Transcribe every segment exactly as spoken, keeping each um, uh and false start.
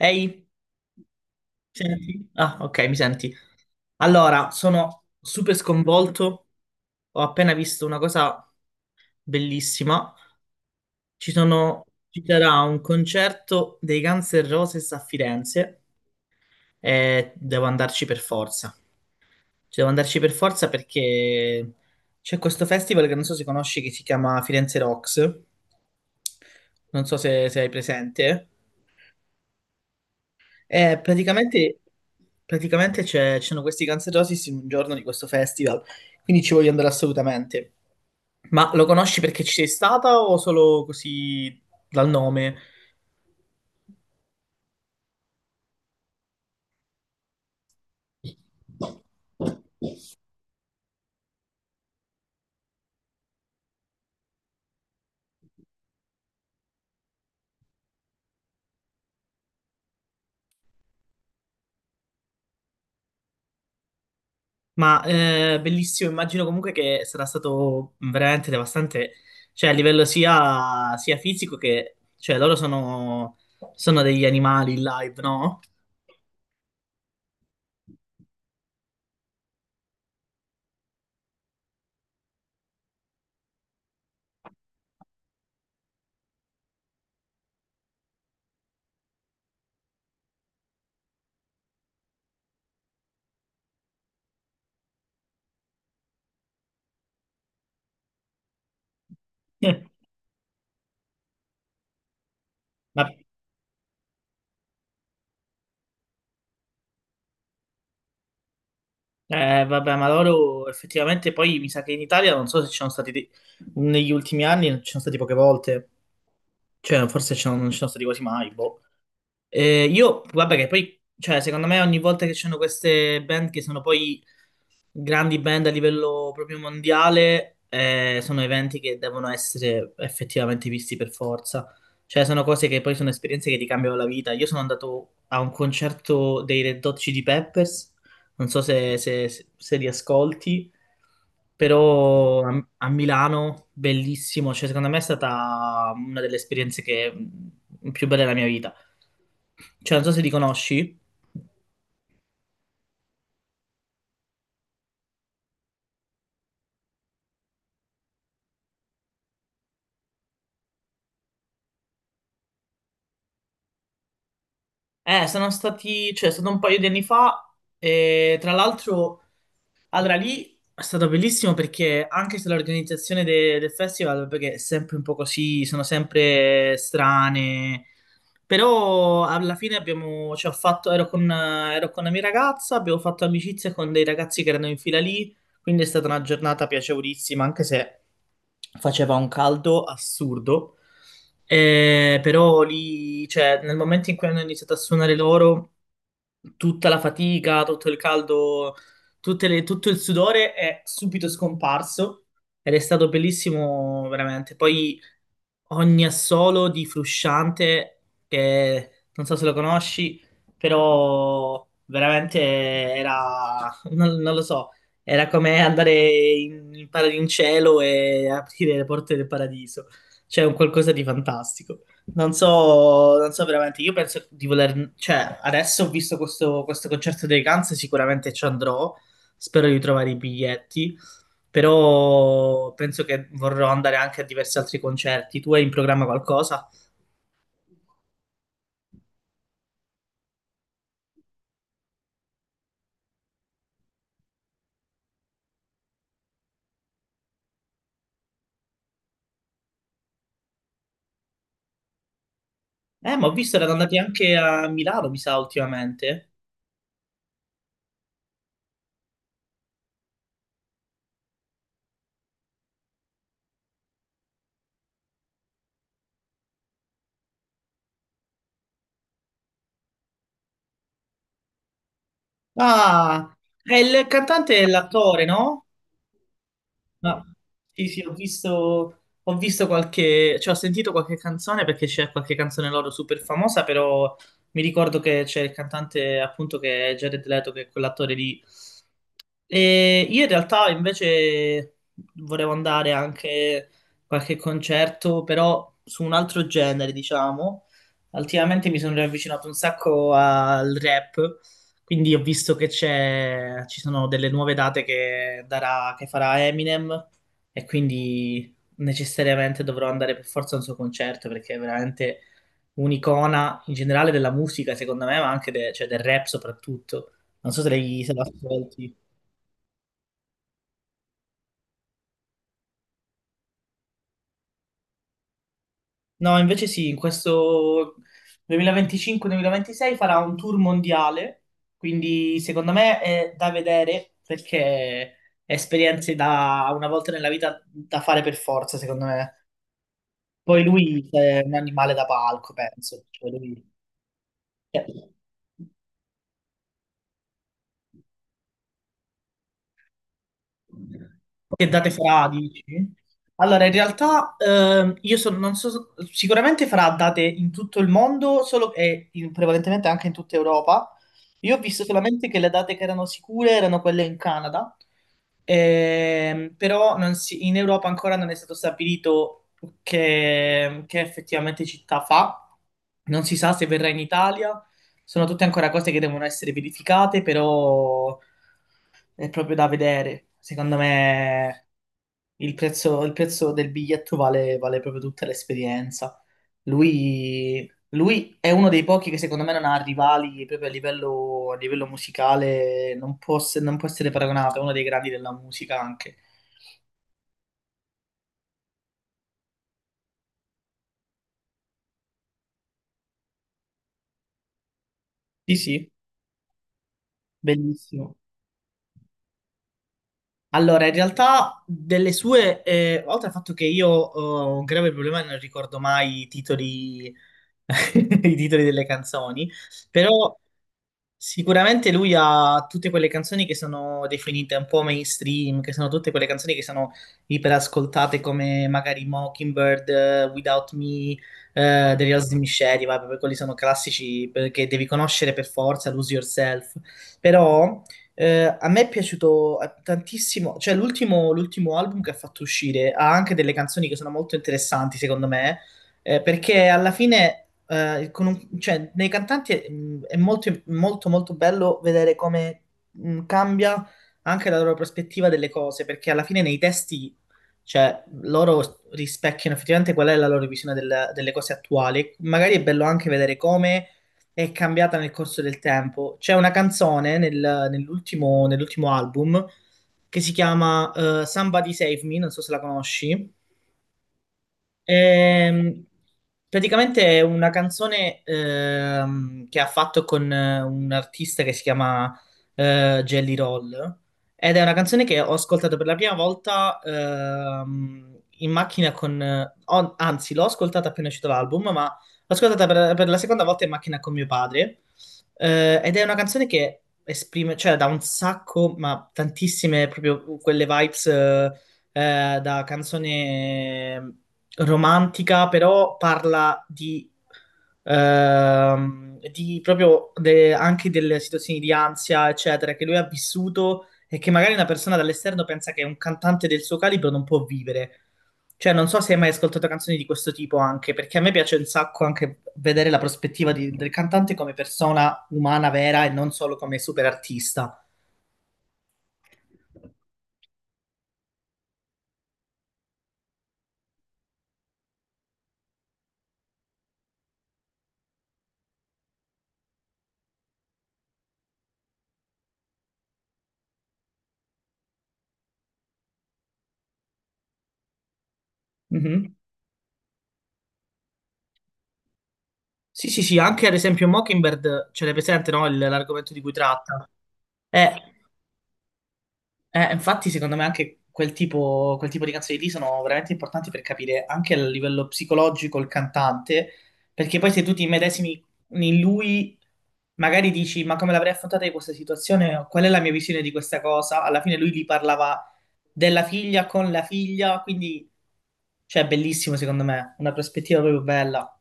Ehi, senti? Ah, ok, mi senti. Allora, sono super sconvolto. Ho appena visto una cosa bellissima. Ci sono, ci sarà un concerto dei Guns N' Roses a Firenze e devo andarci per forza. Ci devo andarci per forza perché c'è questo festival che non so se conosci che si chiama Firenze Rocks. Non so se, se hai presente. Eh, praticamente praticamente c'è- c'erano questi Cancerosis in un giorno di questo festival, quindi ci voglio andare assolutamente. Ma lo conosci perché ci sei stata o solo così dal nome? Ma eh, bellissimo, immagino comunque che sarà stato veramente devastante, cioè a livello sia, sia fisico che... cioè loro sono, sono degli animali in live, no? Ma Eh, vabbè, ma loro effettivamente poi mi sa che in Italia non so se ci sono stati dei- negli ultimi anni, ci sono stati poche volte, cioè forse ci sono- non ci sono stati quasi mai, boh. Eh, io, vabbè, che poi, cioè, secondo me ogni volta che ci sono queste band che sono poi grandi band a livello proprio mondiale eh, sono eventi che devono essere effettivamente visti per forza. Cioè, sono cose che poi sono esperienze che ti cambiano la vita. Io sono andato a un concerto dei Red Hot Chili Peppers, non so se, se, se li ascolti, però a, a Milano, bellissimo. Cioè, secondo me è stata una delle esperienze che, mm, più belle della mia vita. Cioè, non so se li conosci. Eh, sono stati, cioè, è stato un paio di anni fa e tra l'altro allora, lì è stato bellissimo perché anche se l'organizzazione de- del festival, perché è sempre un po' così, sono sempre strane, però alla fine abbiamo, cioè, ho fatto, ero con, ero con la mia ragazza, abbiamo fatto amicizia con dei ragazzi che erano in fila lì, quindi è stata una giornata piacevolissima, anche se faceva un caldo assurdo. Eh, però lì, cioè, nel momento in cui hanno iniziato a suonare loro tutta la fatica, tutto il caldo, tutte le- tutto il sudore è subito scomparso ed è stato bellissimo veramente. Poi ogni assolo di Frusciante, che non so se lo conosci, però veramente era, non, non lo so, era come andare in, in para- in cielo e aprire le porte del paradiso. Cioè, un qualcosa di fantastico. Non so, non so veramente, io penso di voler, cioè adesso ho visto questo, questo concerto dei Guns, sicuramente ci andrò, spero di trovare i biglietti, però penso che vorrò andare anche a diversi altri concerti. Tu hai in programma qualcosa? Eh, ma ho visto erano andati anche a Milano, mi sa, ultimamente. Ah, è il cantante e l'attore, no? No. Sì, sì, ho visto, ho visto qualche, cioè ho sentito qualche canzone perché c'è qualche canzone loro super famosa, però mi ricordo che c'è il cantante appunto che è Jared Leto, che è quell'attore lì. E io in realtà invece volevo andare anche a qualche concerto, però su un altro genere, diciamo. Ultimamente mi sono riavvicinato un sacco al rap, quindi ho visto che c'è, ci sono delle nuove date che darà, che farà Eminem e quindi necessariamente dovrò andare per forza a un suo concerto perché è veramente un'icona in generale della musica, secondo me, ma anche de- cioè del rap soprattutto. Non so se, lei, se lo ascolti. No, invece sì, in questo duemilaventicinque-duemilaventisei farà un tour mondiale, quindi secondo me è da vedere perché è esperienze da una volta nella vita da fare per forza, secondo me. Poi lui è un animale da palco, penso. Cioè, lui- cioè, Che date farà, dici? Allora, in realtà ehm, io sono, non so, sicuramente farà date in tutto il mondo, solo e in- prevalentemente anche in tutta Europa. Io ho visto solamente che le date che erano sicure erano quelle in Canada, ehm, però non si- in Europa ancora non è stato stabilito che, che effettivamente città fa. Non si sa se verrà in Italia, sono tutte ancora cose che devono essere verificate, però è proprio da vedere. Secondo me il prezzo, il prezzo del biglietto vale, vale proprio tutta l'esperienza. Lui, lui è uno dei pochi che secondo me non ha rivali proprio a livello, a livello musicale, non può, ess- non può essere paragonato, è uno dei grandi della musica anche. Sì, sì, bellissimo. Allora, in realtà delle sue, eh, oltre al fatto che io ho un grave problema e non ricordo mai i titoli, i titoli delle canzoni, però sicuramente lui ha tutte quelle canzoni che sono definite un po' mainstream, che sono tutte quelle canzoni che sono iperascoltate come magari Mockingbird, eh, Without Me, eh, The Real Slim Shady, vabbè, poi quelli sono classici per- che devi conoscere per forza, Lose Yourself. Però eh, a me è piaciuto eh, tantissimo, cioè l'ultimo l'ultimo album che ha fatto uscire ha anche delle canzoni che sono molto interessanti secondo me, eh, perché alla fine eh, con un- cioè, nei cantanti è, mh, è molto, molto, molto bello vedere come mh, cambia anche la loro prospettiva delle cose, perché alla fine nei testi, cioè, loro rispecchiano effettivamente qual è la loro visione del- delle cose attuali. Magari è bello anche vedere come è cambiata nel corso del tempo. C'è una canzone nel- nell'ultimo nell'ultimo album che si chiama eh, Somebody Save Me, non so se la conosci. Ehm, praticamente è una canzone ehm, che ha fatto con eh, un artista che si chiama eh, Jelly Roll ed è una canzone che ho ascoltato per la prima volta ehm, in macchina con... eh, ho- anzi, l'ho ascoltata appena uscito l'album, ma l'ho ascoltata per, per la seconda volta in macchina con mio padre. Eh, ed è una canzone che esprime, cioè da un sacco, ma tantissime proprio quelle vibes... eh, eh, da canzone romantica, però parla di, ehm, di proprio de- anche delle situazioni di ansia, eccetera, che lui ha vissuto e che magari una persona dall'esterno pensa che un cantante del suo calibro non può vivere. Cioè, non so se hai mai ascoltato canzoni di questo tipo anche, perché a me piace un sacco anche vedere la prospettiva di- del cantante come persona umana vera e non solo come super artista. Mhm. Sì, sì, sì, anche ad esempio Mockingbird ce l'hai presente, no? Il- L'argomento di cui tratta. Eh, Eh, infatti, secondo me anche quel tipo, quel tipo di canzoni lì sono veramente importanti per capire anche a livello psicologico il cantante, perché poi se tu ti medesimi in lui, magari dici, ma come l'avrei affrontata io questa situazione? Qual è la mia visione di questa cosa? Alla fine lui gli parlava della figlia con la figlia, quindi, cioè, bellissimo secondo me, una prospettiva proprio bella.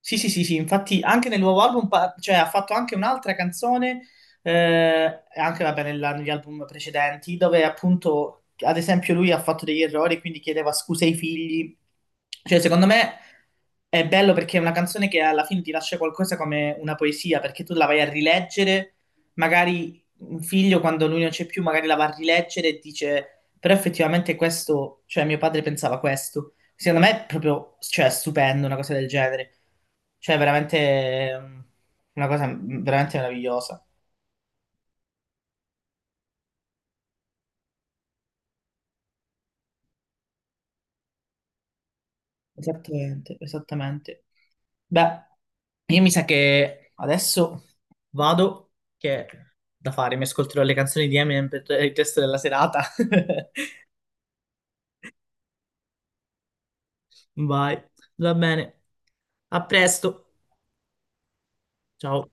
Sì, sì, sì, sì, infatti anche nel nuovo album, pa- cioè ha fatto anche un'altra canzone, eh, e anche vabbè, nella- negli album precedenti, dove appunto, ad esempio, lui ha fatto degli errori, quindi chiedeva scuse ai figli. Cioè, secondo me è bello perché è una canzone che alla fine ti lascia qualcosa come una poesia, perché tu la vai a rileggere, magari un figlio quando lui non c'è più, magari la va a rileggere e dice, però effettivamente questo, cioè mio padre pensava questo. Secondo me è proprio, cioè, stupendo una cosa del genere. Cioè, veramente mm, una cosa mm, veramente meravigliosa. Esattamente, esattamente. Beh, io mi sa che adesso vado, che ho da fare, mi ascolterò le canzoni di Eminem per il resto della serata. Vai, va bene. A presto. Ciao.